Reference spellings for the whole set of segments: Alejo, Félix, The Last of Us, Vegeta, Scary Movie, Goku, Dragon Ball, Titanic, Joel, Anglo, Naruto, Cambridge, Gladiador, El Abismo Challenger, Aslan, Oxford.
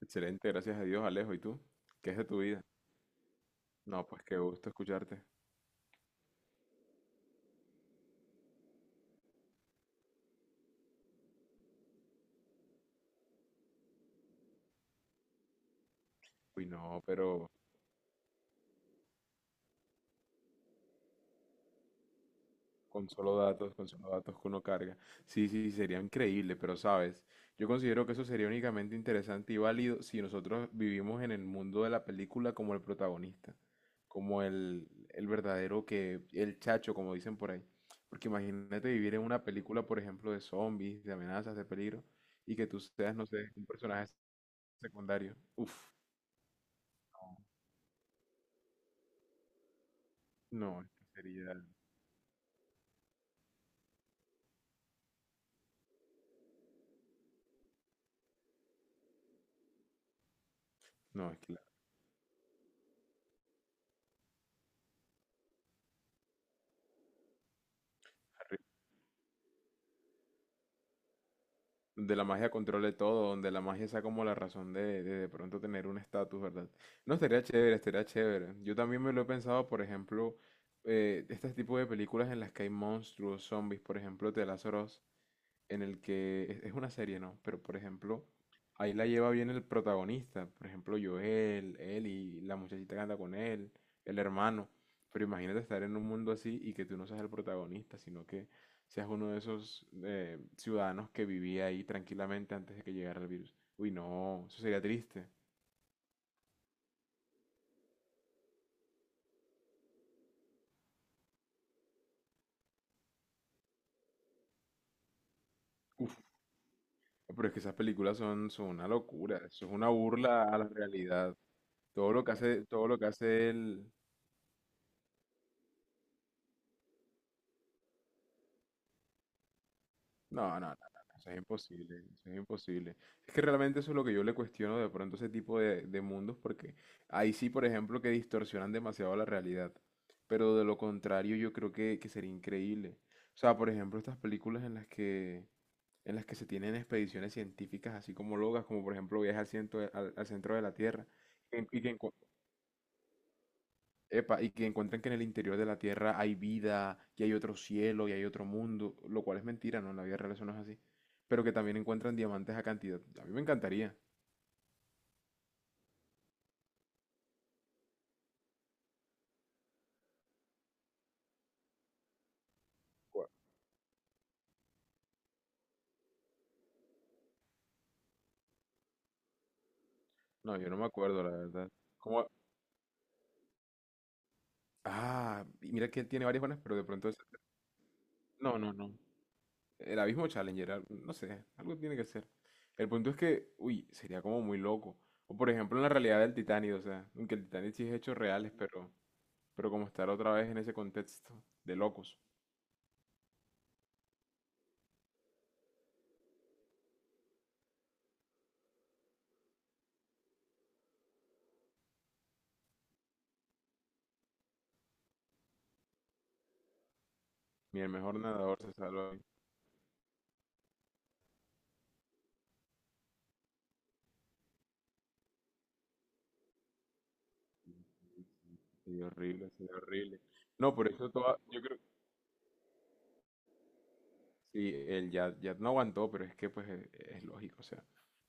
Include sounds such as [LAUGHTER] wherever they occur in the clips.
Excelente, gracias a Dios, Alejo. ¿Y tú? ¿Qué es de tu vida? No, pues qué gusto escucharte. Uy, no, pero con solo datos, que uno carga. Sí, sí, sí, sería increíble, pero sabes, yo considero que eso sería únicamente interesante y válido si nosotros vivimos en el mundo de la película como el protagonista, como el verdadero que, el chacho, como dicen por ahí. Porque imagínate vivir en una película, por ejemplo, de zombies, de amenazas, de peligro, y que tú seas, no sé, un personaje secundario. Uf. No. No, es que sería. No, es que arri- de la magia controle todo, donde la magia sea como la razón de pronto tener un estatus, ¿verdad? No, estaría chévere, estaría chévere. Yo también me lo he pensado, por ejemplo, este tipo de películas en las que hay monstruos, zombies, por ejemplo, The Last of Us, en el que es una serie, ¿no? Pero por ejemplo, ahí la lleva bien el protagonista, por ejemplo, Joel, él y la muchachita que anda con él, el hermano. Pero imagínate estar en un mundo así y que tú no seas el protagonista, sino que seas uno de esos ciudadanos que vivía ahí tranquilamente antes de que llegara el virus. Uy, no, eso sería triste. Uf, pero es que esas películas son, son una locura, eso es una burla a la realidad. Todo lo que hace, todo lo que hace él. No, no, no, no, no, eso es imposible, eso es imposible. Es que realmente eso es lo que yo le cuestiono de pronto a ese tipo de mundos, porque ahí sí, por ejemplo, que distorsionan demasiado la realidad. Pero de lo contrario, yo creo que sería increíble. O sea, por ejemplo, estas películas en las que se tienen expediciones científicas así como locas, como por ejemplo viaje al centro de la Tierra, y, y que, encu- Epa, y que encuentran que en el interior de la Tierra hay vida, y hay otro cielo, y hay otro mundo, lo cual es mentira, ¿no? En la vida real eso no es así. Pero que también encuentran diamantes a cantidad. A mí me encantaría. Bueno, no, yo no me acuerdo, la verdad. ¿Cómo? Ah, y mira que él tiene varias buenas, pero de pronto ese... No, no, no. El Abismo Challenger, no sé, algo tiene que ser. El punto es que, uy, sería como muy loco. O por ejemplo en la realidad del Titanic, o sea, aunque el Titanic sí es hechos reales, pero como estar otra vez en ese contexto de locos. Mi mejor nadador se salva ahí. Sería horrible, sería horrible. No, por eso toda, yo creo, sí, el ya, ya no aguantó, pero es que pues es, lógico, o sea,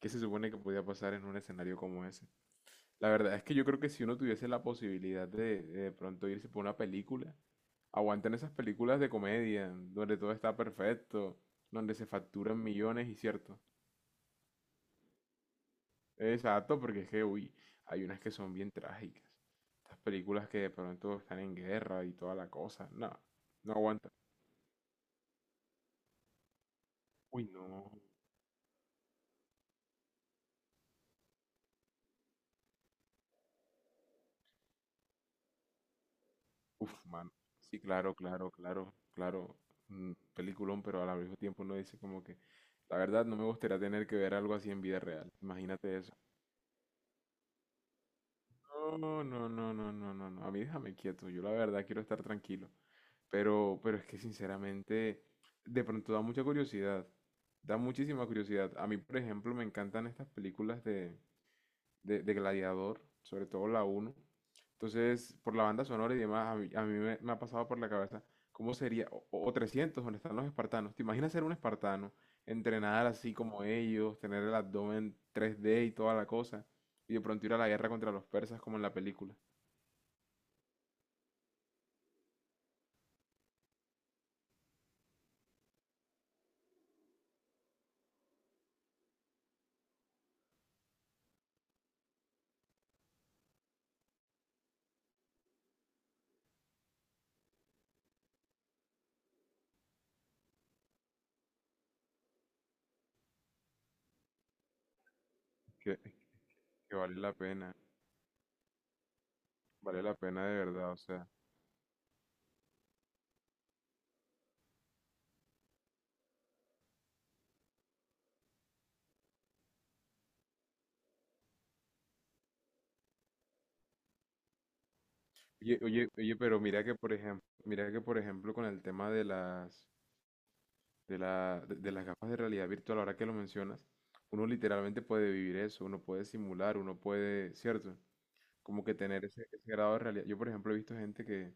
¿qué se supone que podía pasar en un escenario como ese? La verdad es que yo creo que si uno tuviese la posibilidad de pronto irse por una película, aguantan esas películas de comedia, donde todo está perfecto, donde se facturan millones y cierto, exacto, porque es que, uy, hay unas que son bien trágicas. Estas películas que de pronto están en guerra y toda la cosa. No, no aguanta. Uy, no. Uf, mano. Sí, claro, claro, claro, claro. Un peliculón, pero al mismo tiempo uno dice como que, la verdad, no me gustaría tener que ver algo así en vida real. Imagínate eso. No, no, no, no, no, no, no. A mí déjame quieto. Yo la verdad quiero estar tranquilo. Pero es que sinceramente, de pronto da mucha curiosidad. Da muchísima curiosidad. A mí, por ejemplo, me encantan estas películas de Gladiador, sobre todo la uno. Entonces, por la banda sonora y demás, a mí me ha pasado por la cabeza cómo sería, o 300, donde están los espartanos. ¿Te imaginas ser un espartano, entrenar así como ellos, tener el abdomen 3D y toda la cosa, y de pronto ir a la guerra contra los persas como en la película? Que, que vale la pena de verdad, o sea. Oye, oye, oye, pero mira que por ejemplo, mira que por ejemplo con el tema de las de las gafas de realidad virtual, ahora que lo mencionas, uno literalmente puede vivir eso, uno puede simular, uno puede, ¿cierto? Como que tener ese, ese grado de realidad. Yo, por ejemplo, he visto gente que,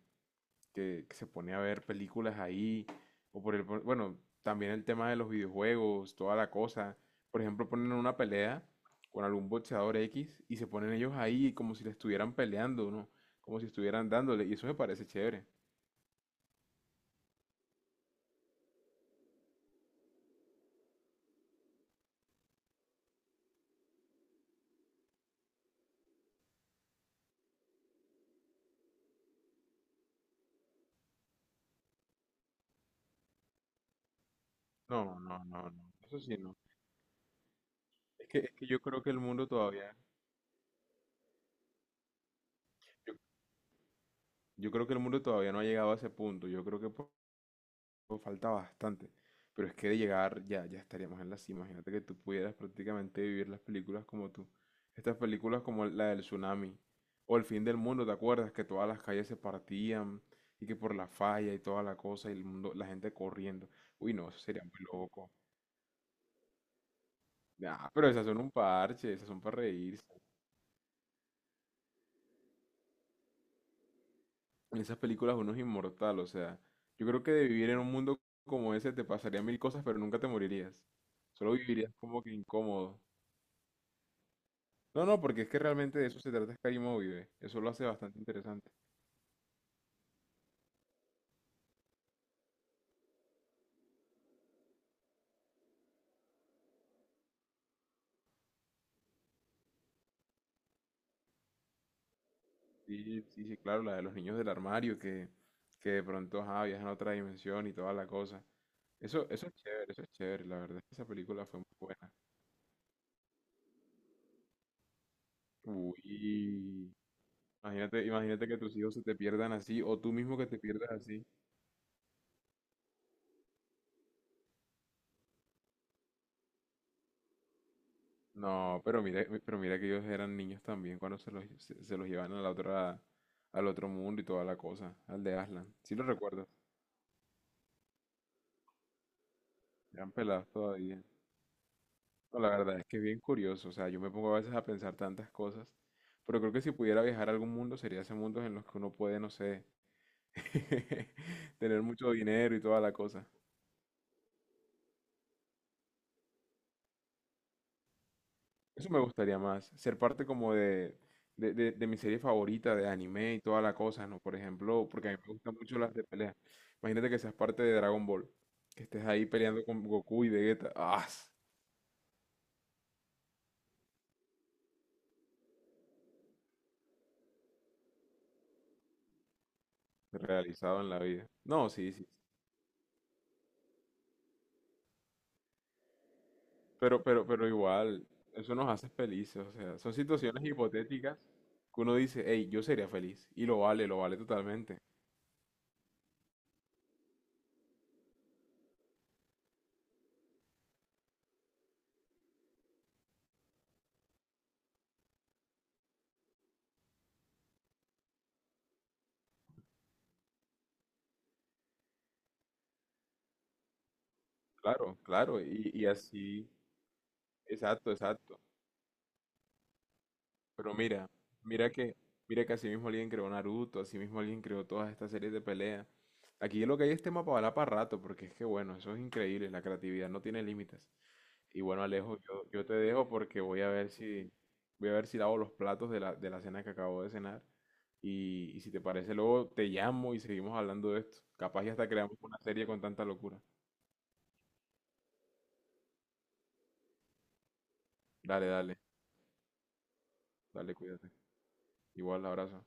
que se pone a ver películas ahí, o por el, bueno, también el tema de los videojuegos, toda la cosa. Por ejemplo, ponen una pelea con algún boxeador X y se ponen ellos ahí como si le estuvieran peleando, ¿no? Como si estuvieran dándole, y eso me parece chévere. No, no, no, no. Eso sí, no. Es que yo creo que el mundo todavía, yo Yo creo que el mundo todavía no ha llegado a ese punto. Yo creo que falta bastante. Pero es que de llegar ya, ya estaríamos en la cima. Imagínate que tú pudieras prácticamente vivir las películas como tú. Estas películas como la del tsunami o El fin del mundo, ¿te acuerdas? Que todas las calles se partían y que por la falla y toda la cosa y el mundo, la gente corriendo. Uy, no, eso sería muy loco. Nah, pero esas son un parche, esas son para reírse. En esas películas uno es inmortal, o sea, yo creo que de vivir en un mundo como ese te pasarían mil cosas, pero nunca te morirías. Solo vivirías como que incómodo. No, no, porque es que realmente de eso se trata Scary Movie, ve, eso lo hace bastante interesante. Sí, sí, sí, claro, la de los niños del armario que de pronto ajá, viajan a otra dimensión y toda la cosa. Eso es chévere, eso es chévere. La verdad es que esa película fue muy buena. Uy, imagínate que tus hijos se te pierdan así o tú mismo que te pierdas así. No, pero mira que ellos eran niños también cuando se los llevan a la otra, al otro mundo y toda la cosa, al de Aslan. Si lo recuerdas, eran pelados todavía. No, la verdad es que es bien curioso, o sea, yo me pongo a veces a pensar tantas cosas, pero creo que si pudiera viajar a algún mundo sería ese mundo en los que uno puede, no sé, [LAUGHS] tener mucho dinero y toda la cosa. Eso me gustaría más, ser parte como de, de mi serie favorita de anime y toda la cosa, ¿no? Por ejemplo, porque a mí me gustan mucho las de pelea. Imagínate que seas parte de Dragon Ball, que estés ahí peleando con Goku y Vegeta. ¡Ah! Realizado en la vida. No, sí, sí, sí. Pero igual, eso nos hace felices, o sea, son situaciones hipotéticas que uno dice, hey, yo sería feliz. Y lo vale totalmente. Claro, claro, y así, exacto, exacto. Pero mira, mira que, mira que así mismo alguien creó Naruto, así mismo alguien creó todas estas series de pelea. Aquí lo que hay es tema para hablar para rato, porque es que bueno, eso es increíble, la creatividad no tiene límites. Y bueno, Alejo, yo te dejo porque voy a ver si, lavo los platos de la cena que acabo de cenar. Y si te parece, luego te llamo y seguimos hablando de esto. Capaz ya hasta creamos una serie con tanta locura. Dale, dale, dale, cuídate. Igual, abrazo.